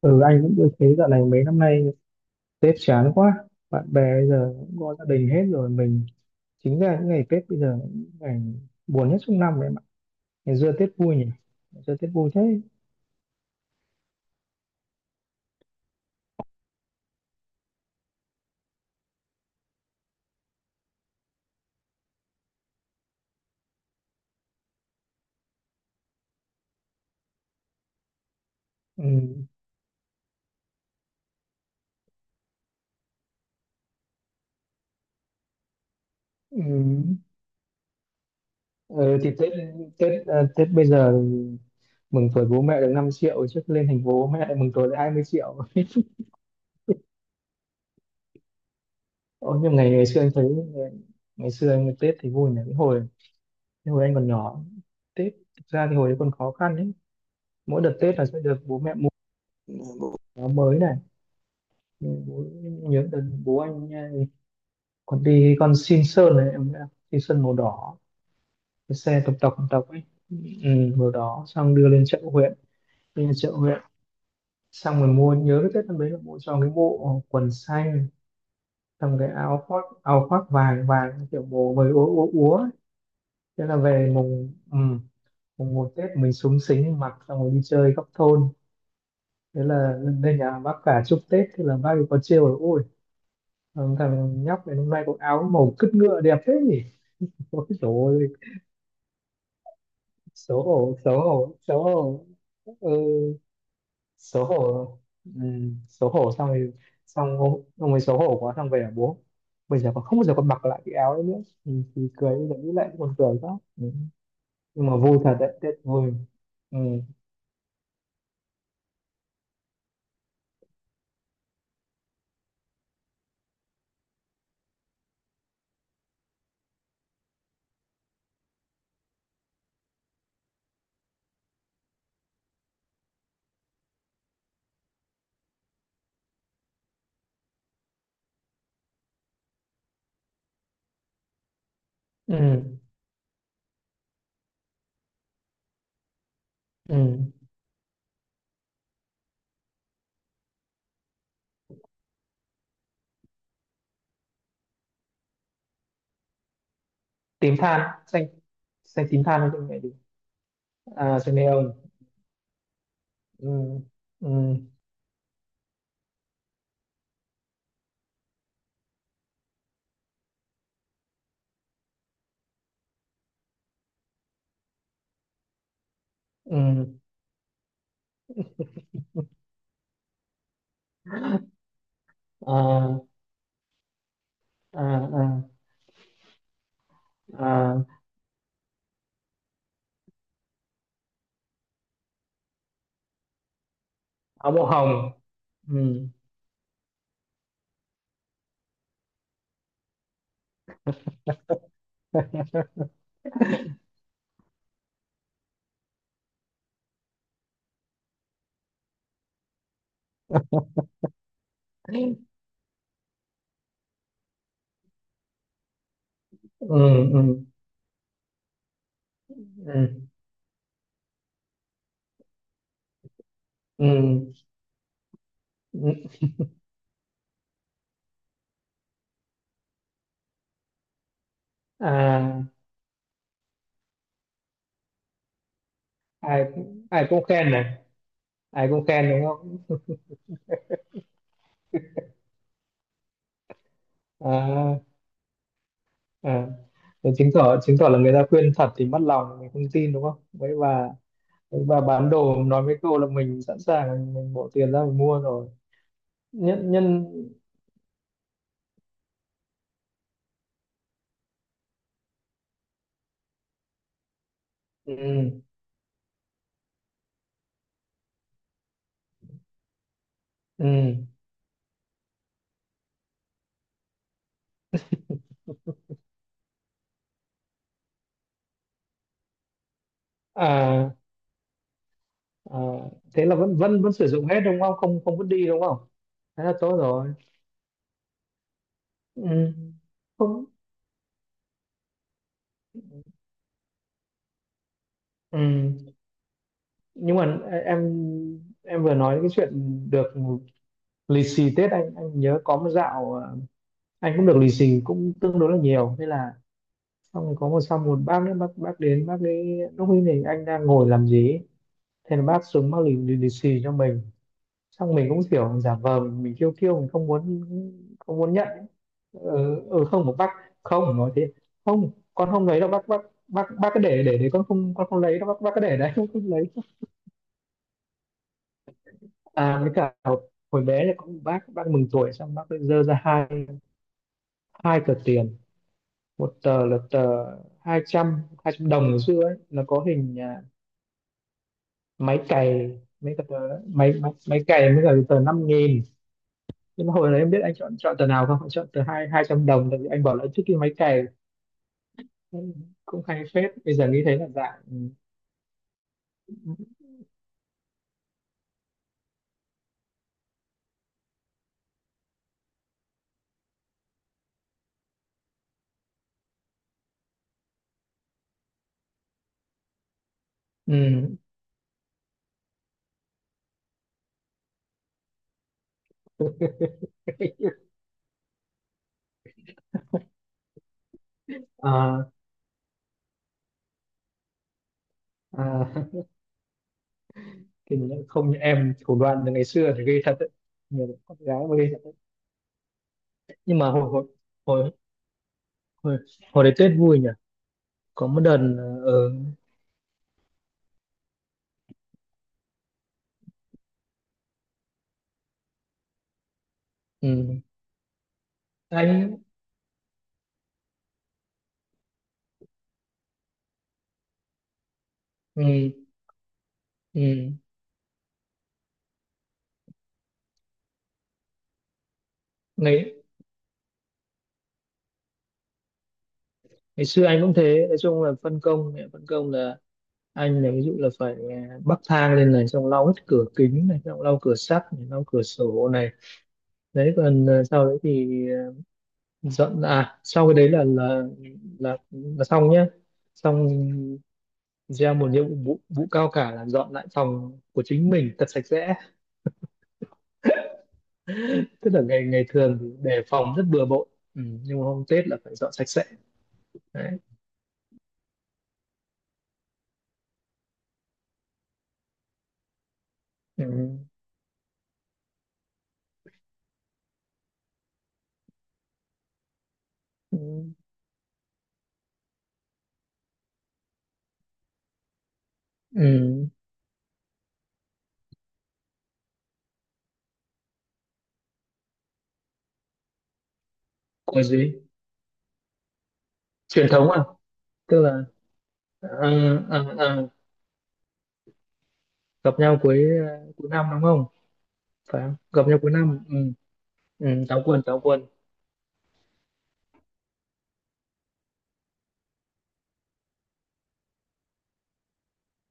Ừ anh cũng tôi thấy dạo này mấy năm nay Tết chán quá. Bạn bè bây giờ cũng có gia đình hết rồi. Mình chính ra những ngày Tết bây giờ là những ngày buồn nhất trong năm đấy mà. Ngày xưa Tết vui nhỉ, ngày xưa Tết vui thế. Ừ. Ừ. Ừ, thì Tết Tết à, Tết bây giờ thì mừng tuổi bố mẹ được 5 triệu, trước lên thành phố bố mẹ lại mừng tuổi lại 20 triệu. Ôi, nhưng ngày ngày xưa anh thấy ngày, ngày xưa anh Tết thì vui nhỉ, cái hồi anh còn nhỏ. Tết thực ra thì hồi đấy còn khó khăn ấy, mỗi đợt Tết là sẽ được bố mẹ mua áo mới này. Nhưng bố, Nhớ đợt bố anh nha, còn đi con xin Sơn này em nhá, xin Sơn màu đỏ, cái xe tộc tộc tộc ấy, ừ, màu đỏ. Xong đưa lên chợ huyện, đưa lên chợ huyện, xong rồi mua. Nhớ cái Tết năm đấy là mua cho cái bộ quần xanh, xong cái áo khoác vàng vàng kiểu màu vầy úa úa úa ấy. Thế là về mùng một Tết mình súng xính mặc xong rồi đi chơi góc thôn. Thế là lên nhà bác cả chúc Tết, thế là bác ấy có trêu là: "Ôi, thằng thằng nhóc này hôm nay có áo màu cứt ngựa đẹp thế nhỉ". Ôi dồi ôi, xấu hổ, xấu hổ, xấu hổ, ừ, xấu hổ, ừ, xấu hổ. Xong rồi, xong ông ấy xấu hổ quá, xong về bảo bố bây giờ còn không bao giờ còn mặc lại cái áo ấy nữa. Thì cười, bây giờ nghĩ lại cũng còn cười quá, ừ. Nhưng mà vui thật đấy, Tết vui, ừ, ừ, ừ. Tím than, xanh, xanh tím than cho mẹ đi, à, cho mẹ ông, ừ, ừ, ừ, à, à, à, à, áo màu hồng, ừ. Ừ, ừ, ừ, ừ, ừ. À, ai cũng khen này, ai cũng khen đúng không, à, à. Thế chứng tỏ, chứng tỏ là người ta khuyên thật thì mất lòng, mình không tin đúng không. Mấy bà bán đồ nói mấy câu là mình sẵn sàng mình bỏ tiền ra mình mua rồi. Nhân nhân, ừ, ừ. À, à, thế là vẫn vẫn vẫn sử dụng hết đúng không, không, không vứt đi đúng không, thế là tốt rồi. Ừ. Không, ừ. Nhưng mà em em vừa nói cái chuyện được lì xì Tết, anh nhớ có một dạo, anh cũng được lì xì cũng tương đối là nhiều. Thế là xong rồi có một, sau một bác nữa, bác đến, bác ấy lúc ấy thì anh đang ngồi làm gì ấy. Thế là bác xuống bác lì xì cho mình, xong mình cũng kiểu giả vờ mình kêu kêu mình không muốn, không muốn nhận ấy. Ừ, ừ, không, một bác, không, nói thế, không, con không lấy đâu bác, bác cứ để đấy, con không lấy đâu bác cứ để đấy con không lấy. À, với cả hồi hồi bé là có một bác mừng tuổi, xong bác cứ dơ ra hai hai tờ tiền. Một tờ là tờ hai trăm đồng ngày xưa ấy, nó có hình, à, máy cày, mấy cái tờ máy máy máy cày, với cả cái tờ 5 nghìn. Nhưng mà hồi đấy em biết anh chọn chọn tờ nào không? Anh chọn tờ hai 200 đồng, tại vì anh bảo là trước kia máy cày cũng cũng hay phết, bây giờ nghĩ thấy là dạng, ừ. À, à, thì không, như em thủ đoạn từ ngày xưa thì ghê thật đấy, nhiều con gái mà ghê. Nhưng mà hồi hồi hồi hồi, hồi đấy Tết vui nhỉ. Có một đợt, ờ, ở ừ, anh, ừ, ừ. ngày ngày xưa anh cũng thế, nói chung là phân công, mẹ phân công là anh là ví dụ là phải, bắc thang lên này, xong lau hết cửa kính này, xong lau cửa sắt này, lau cửa sổ này đấy. Còn sau đấy thì dọn, à sau cái đấy là là xong nhá. Xong gieo một nhiệm vụ, vụ cao cả là dọn lại phòng của chính mình thật sạch sẽ. Tức là ngày ngày thường thì đề phòng rất bừa bộn, ừ. Nhưng mà hôm Tết là phải dọn sạch sẽ, đấy. Ừ. Ừ. Ừ. Của gì? Truyền thống à? Tức là, ờ, ờ, ờ, gặp nhau cuối, à, cuối năm đúng không, phải không, gặp nhau cuối năm, ừ. Ừ. Táo quân, táo quân.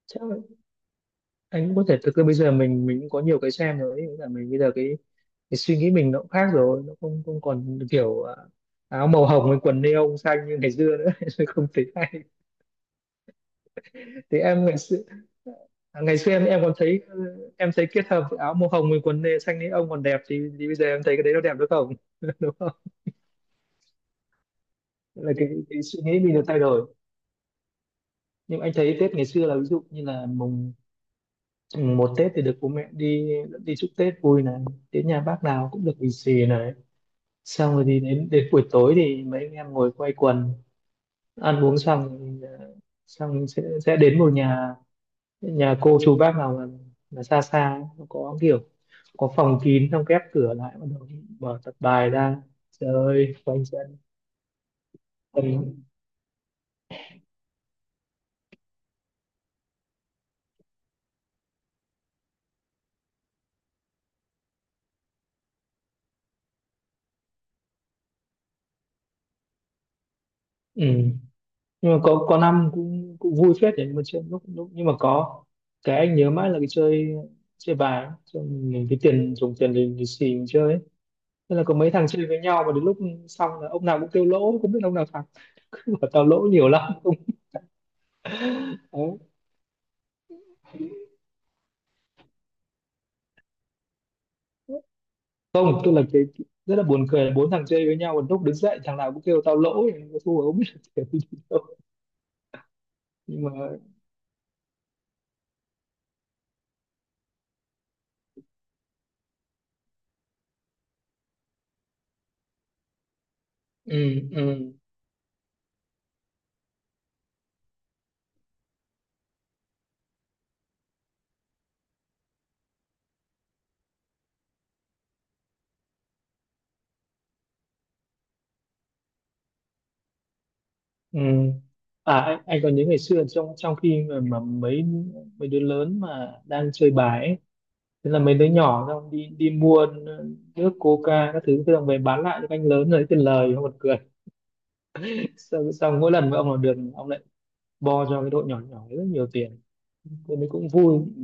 Chắc là anh cũng có thể, thực ra bây giờ mình cũng có nhiều cái xem rồi ấy. Nghĩa là mình bây giờ cái suy nghĩ mình nó cũng khác rồi, nó không, không còn kiểu, à, áo màu hồng với quần neon xanh như ngày xưa nữa. Không tính, thì em ngày xưa, à, ngày xưa em còn thấy, em thấy kết hợp áo màu hồng với quần nê xanh ấy ông còn đẹp thì bây giờ em thấy cái đấy nó đẹp được không. Đúng không, là cái suy nghĩ mình được thay đổi. Nhưng anh thấy Tết ngày xưa là ví dụ như là mùng mùng một Tết thì được bố mẹ đi đi chúc Tết vui này, đến nhà bác nào cũng được lì xì này. Xong rồi thì đến đến buổi tối thì mấy anh em ngồi quây quần ăn uống xong thì, xong sẽ đến một nhà, nhà cô chú bác nào mà xa xa ấy, nó có kiểu có phòng kín, xong khép cửa lại, bắt đầu mở tập bài ra chơi ơi quanh chân, quanh, ừ. Nhưng mà có năm cũng cũng vui phết đấy, nhưng mà chơi lúc lúc, nhưng mà có cái anh nhớ mãi là cái chơi chơi bài ấy. Cho mình cái tiền, dùng tiền lì lì xì mình chơi ấy. Thế là có mấy thằng chơi với nhau mà đến lúc xong là ông nào cũng kêu lỗ, không biết ông nào thắng. Cứ bảo tao lỗ nhiều lắm, không. Đấy. Không, tức là cái rất là buồn cười là bốn thằng chơi với nhau, một lúc đứng dậy thằng nào cũng kêu tao lỗ, thua, không biết là kiểu gì đâu. Nhưng mà, ừ, ừ. Ừ. À anh còn nhớ ngày xưa trong, trong khi mà mấy, mấy đứa lớn mà đang chơi bài ấy, thế là mấy đứa nhỏ xong đi, đi mua, ờ, nước coca các thứ thế, xong về bán lại cho các anh lớn lấy tiền lời, không còn cười. Xong, xong mỗi lần mà ông làm được ông lại bo cho cái đội nhỏ nhỏ rất nhiều tiền, thế mới cũng vui, ừ,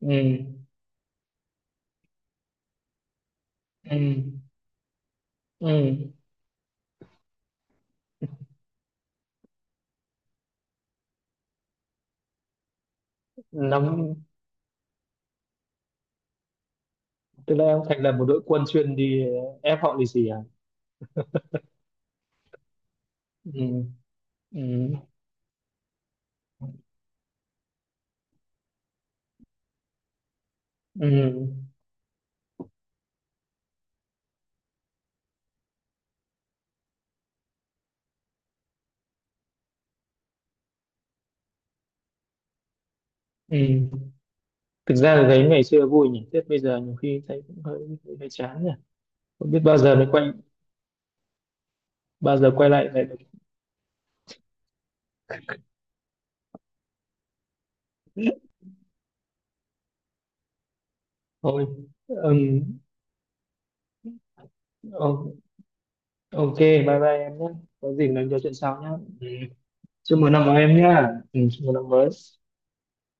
ừ, ừ, ừ, ừ. Nắm, tức là em thành lập một đội quân chuyên đi ép họ lì xì à, ừ, ừ, ừ, ừ. Thực ra là thấy ngày xưa vui nhỉ, Tết bây giờ nhiều khi thấy cũng hơi, hơi, hơi chán nhỉ. Không biết bao giờ mới quay, bao giờ quay lại lại được. Thôi, ừm, o- ok, bye bye em nhé. Có gì nói chuyện sau nhé. Ừ. Chúc mừng năm mới em nhé. Ừ, chúc mừng năm mới.